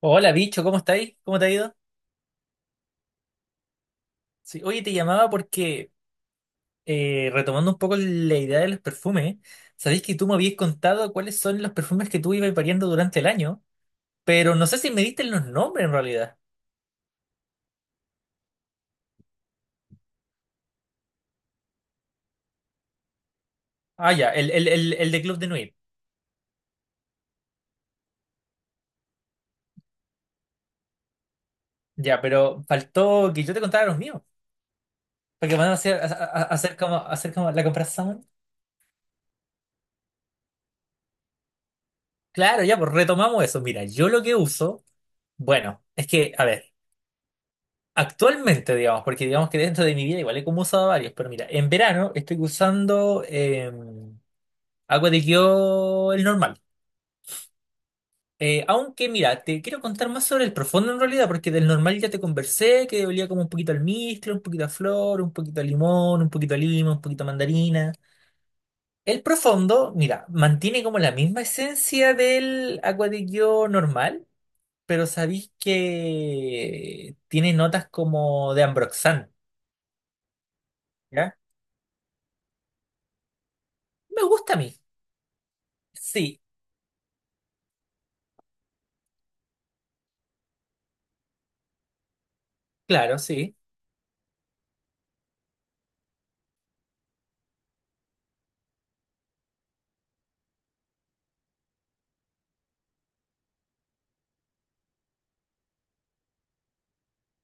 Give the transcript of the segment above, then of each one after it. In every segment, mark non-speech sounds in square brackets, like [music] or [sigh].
Hola, bicho, ¿cómo estáis? ¿Cómo te ha ido? Sí, oye, te llamaba porque, retomando un poco la idea de los perfumes, sabéis que tú me habías contado cuáles son los perfumes que tú ibas variando durante el año, pero no sé si me diste los nombres en realidad. Ah, ya, el de Club de Nuit. Ya, pero faltó que yo te contara los míos, porque van a- hacer como la comparación. Claro, ya, pues retomamos eso. Mira, yo lo que uso, bueno, es que, a ver. Actualmente, digamos, porque digamos que dentro de mi vida igual he como usado varios, pero mira, en verano estoy usando agua de Kio el normal. Aunque mira, te quiero contar más sobre el profundo en realidad, porque del normal ya te conversé, que olía como un poquito al almizcle, un poquito a flor, un poquito a limón, un poquito a lima, un poquito a mandarina. El profundo, mira, mantiene como la misma esencia del agua de Kio normal, pero sabéis que tiene notas como de ambroxan, ¿ya? Me gusta a mí. Sí, claro, sí,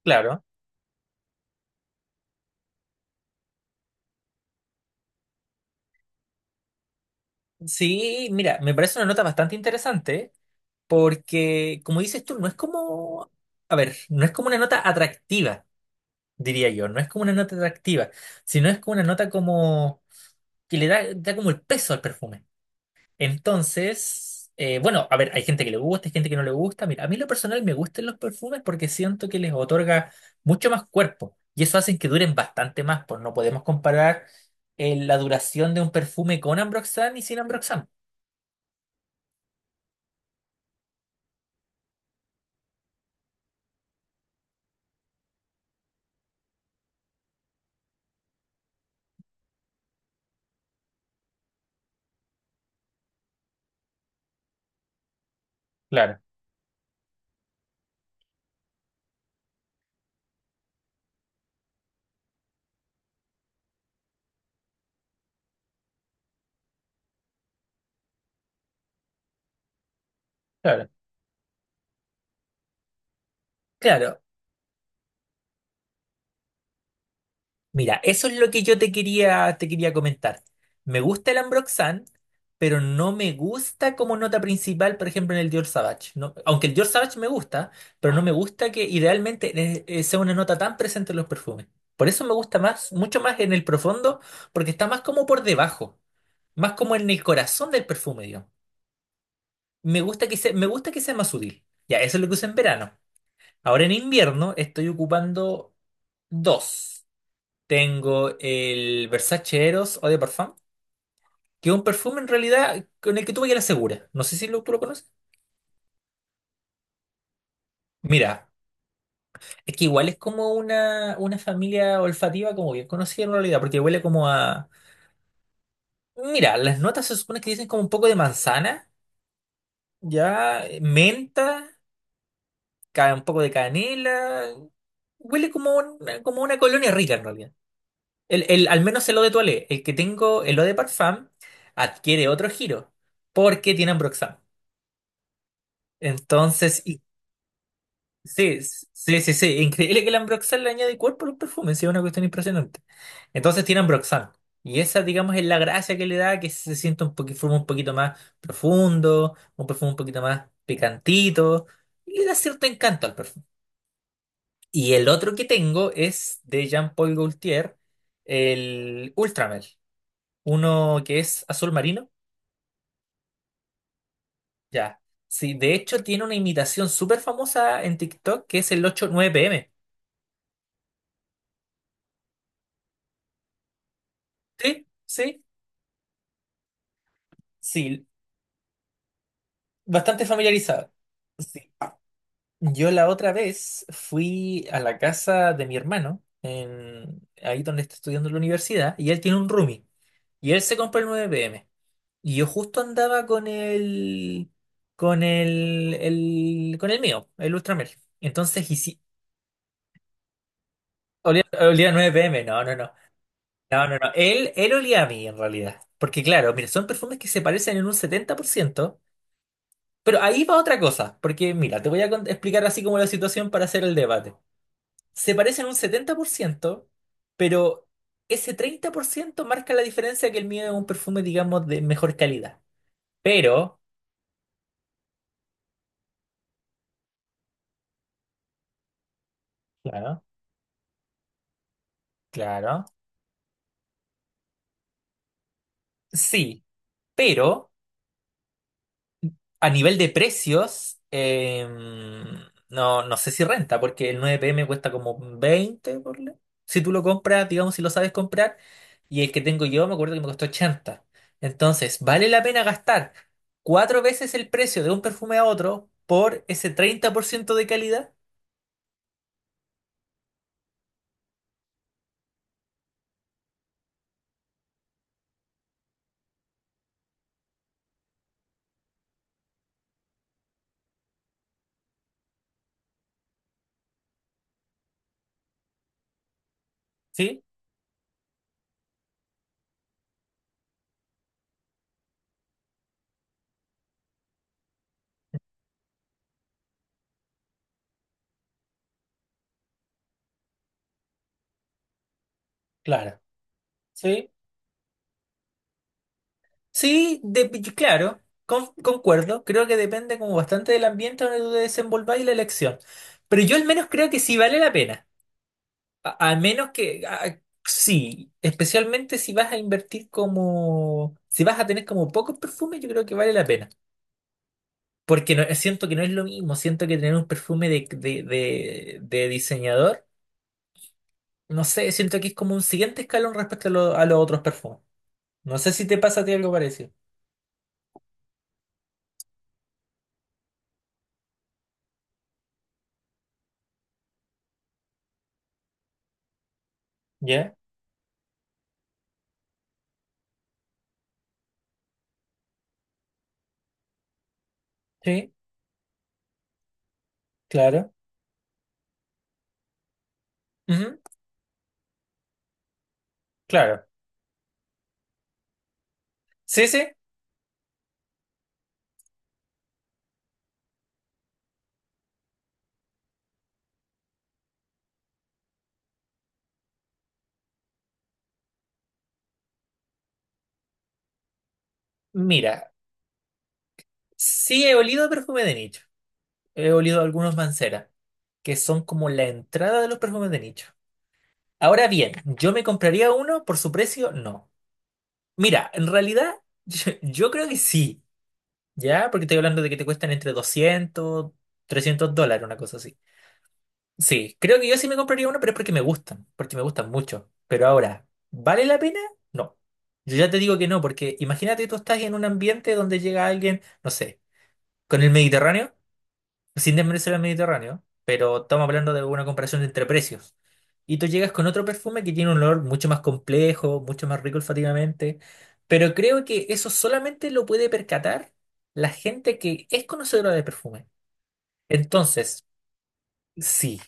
claro. Sí, mira, me parece una nota bastante interesante porque, como dices tú, no es como, a ver, no es como una nota atractiva, diría yo, no es como una nota atractiva, sino es como una nota como que le da, da como el peso al perfume. Entonces, bueno, a ver, hay gente que le gusta, hay gente que no le gusta. Mira, a mí en lo personal me gustan los perfumes porque siento que les otorga mucho más cuerpo y eso hace que duren bastante más, pues no podemos comparar la duración de un perfume con Ambroxan y sin Ambroxan. Claro, claro. Claro. Mira, eso es lo que yo te quería comentar. Me gusta el Ambroxan, pero no me gusta como nota principal, por ejemplo, en el Dior Sauvage. No- aunque el Dior Sauvage me gusta, pero no me gusta que idealmente sea una nota tan presente en los perfumes. Por eso me gusta más, mucho más en el profundo, porque está más como por debajo, más como en el corazón del perfume, digamos. Me gusta que sea más sutil. Ya, eso es lo que uso en verano. Ahora en invierno estoy ocupando dos. Tengo el Versace Eros Eau de Parfum, que es un perfume en realidad con el que tuve que la segura. No sé si lo- tú lo conoces. Mira, es que igual es como una familia olfativa como bien conocida en realidad, porque huele como a... Mira, las notas se supone que dicen como un poco de manzana, ya, menta, un poco de canela. Huele como una colonia rica en realidad. El, al menos el eau de toilette, el que tengo, el eau de parfum, adquiere otro giro, porque tiene ambroxan. Entonces, y, sí, sí, sí, sí. Increíble que el Ambroxan le añade cuerpo a los perfumes, sí, es una cuestión impresionante. Entonces tiene Ambroxan. Y esa, digamos, es la gracia que le da, que se siente un poquito, perfume un poquito más profundo, un perfume un poquito más picantito, y le da cierto encanto al perfume. Y el otro que tengo es de Jean-Paul Gaultier, el Ultramel, uno que es azul marino. Ya. Sí, de hecho tiene una imitación súper famosa en TikTok que es el ocho nueve pm. Sí, sí, sí, bastante familiarizado. Sí. Yo la otra vez fui a la casa de mi hermano, en, ahí donde está estudiando en la universidad, y él tiene un roomie, y él se compró el 9 m. Y yo justo andaba con el, con el, con el mío, el Ultramar. Entonces, y sí, olía, olía a 9PM, no, no, no, no, no, no. Él olía a mí en realidad. Porque claro, mira, son perfumes que se parecen en un 70%. Pero ahí va otra cosa, porque mira, te voy a explicar así como la situación para hacer el debate. Se parecen un 70%, pero ese 30% marca la diferencia que el mío es un perfume, digamos, de mejor calidad. Pero, claro, claro, sí, pero... A nivel de precios, no, no sé si renta, porque el 9 m cuesta como 20, ponle. Si tú lo compras, digamos, si lo sabes comprar, y el que tengo yo me acuerdo que me costó 80. Entonces, vale la pena gastar cuatro veces el precio de un perfume a otro por ese 30% de calidad, ¿sí? Claro, sí. Sí, de- claro, concuerdo. Creo que depende como bastante del ambiente donde tú te desenvolvas y la elección. Pero yo al menos creo que sí vale la pena. Al menos que sí, especialmente si vas a invertir como, si vas a tener como pocos perfumes, yo creo que vale la pena. Porque no, siento que no es lo mismo, siento que tener un perfume de diseñador, no sé, siento que es como un siguiente escalón respecto a, a los otros perfumes. No sé si te pasa a ti algo parecido. ¿Ya? Sí, claro. Ujú, claro. Sí, sí. Mira, sí he olido perfume de nicho. He olido algunos Mancera, que son como la entrada de los perfumes de nicho. Ahora bien, ¿yo me compraría uno por su precio? No. Mira, en realidad, [laughs] yo creo que sí, ¿ya? Porque estoy hablando de que te cuestan entre 200, $300, una cosa así. Sí, creo que yo sí me compraría uno, pero es porque me gustan mucho. Pero ahora, ¿vale la pena? No. Yo ya te digo que no, porque imagínate tú estás en un ambiente donde llega alguien, no sé, con el Mediterráneo, sin desmerecer al Mediterráneo, pero estamos hablando de una comparación entre precios. Y tú llegas con otro perfume que tiene un olor mucho más complejo, mucho más rico olfativamente, pero creo que eso solamente lo puede percatar la gente que es conocedora de perfume. Entonces, sí.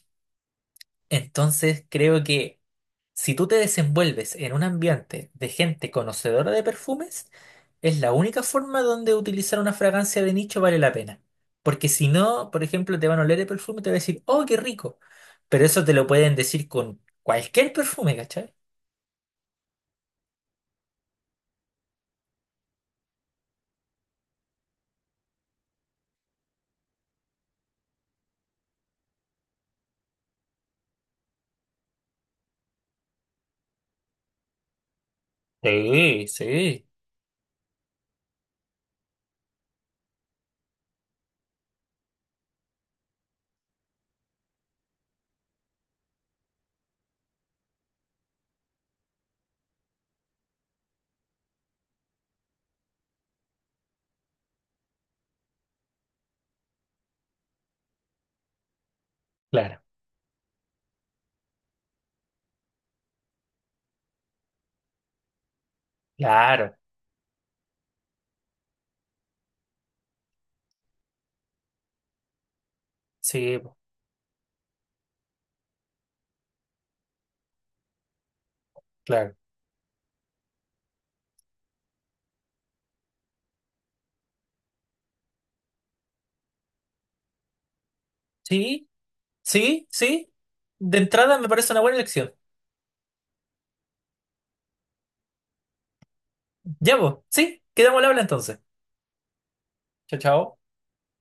Entonces creo que si tú te desenvuelves en un ambiente de gente conocedora de perfumes, es la única forma donde utilizar una fragancia de nicho vale la pena. Porque si no, por ejemplo, te van a oler el perfume y te van a decir, oh, qué rico. Pero eso te lo pueden decir con cualquier perfume, ¿cachai? Sí, sí, claro, claro, sí, po, claro. Sí, sí, sí. De entrada me parece una buena elección. Ya vos, sí, quedamos al habla entonces. Chao, chao.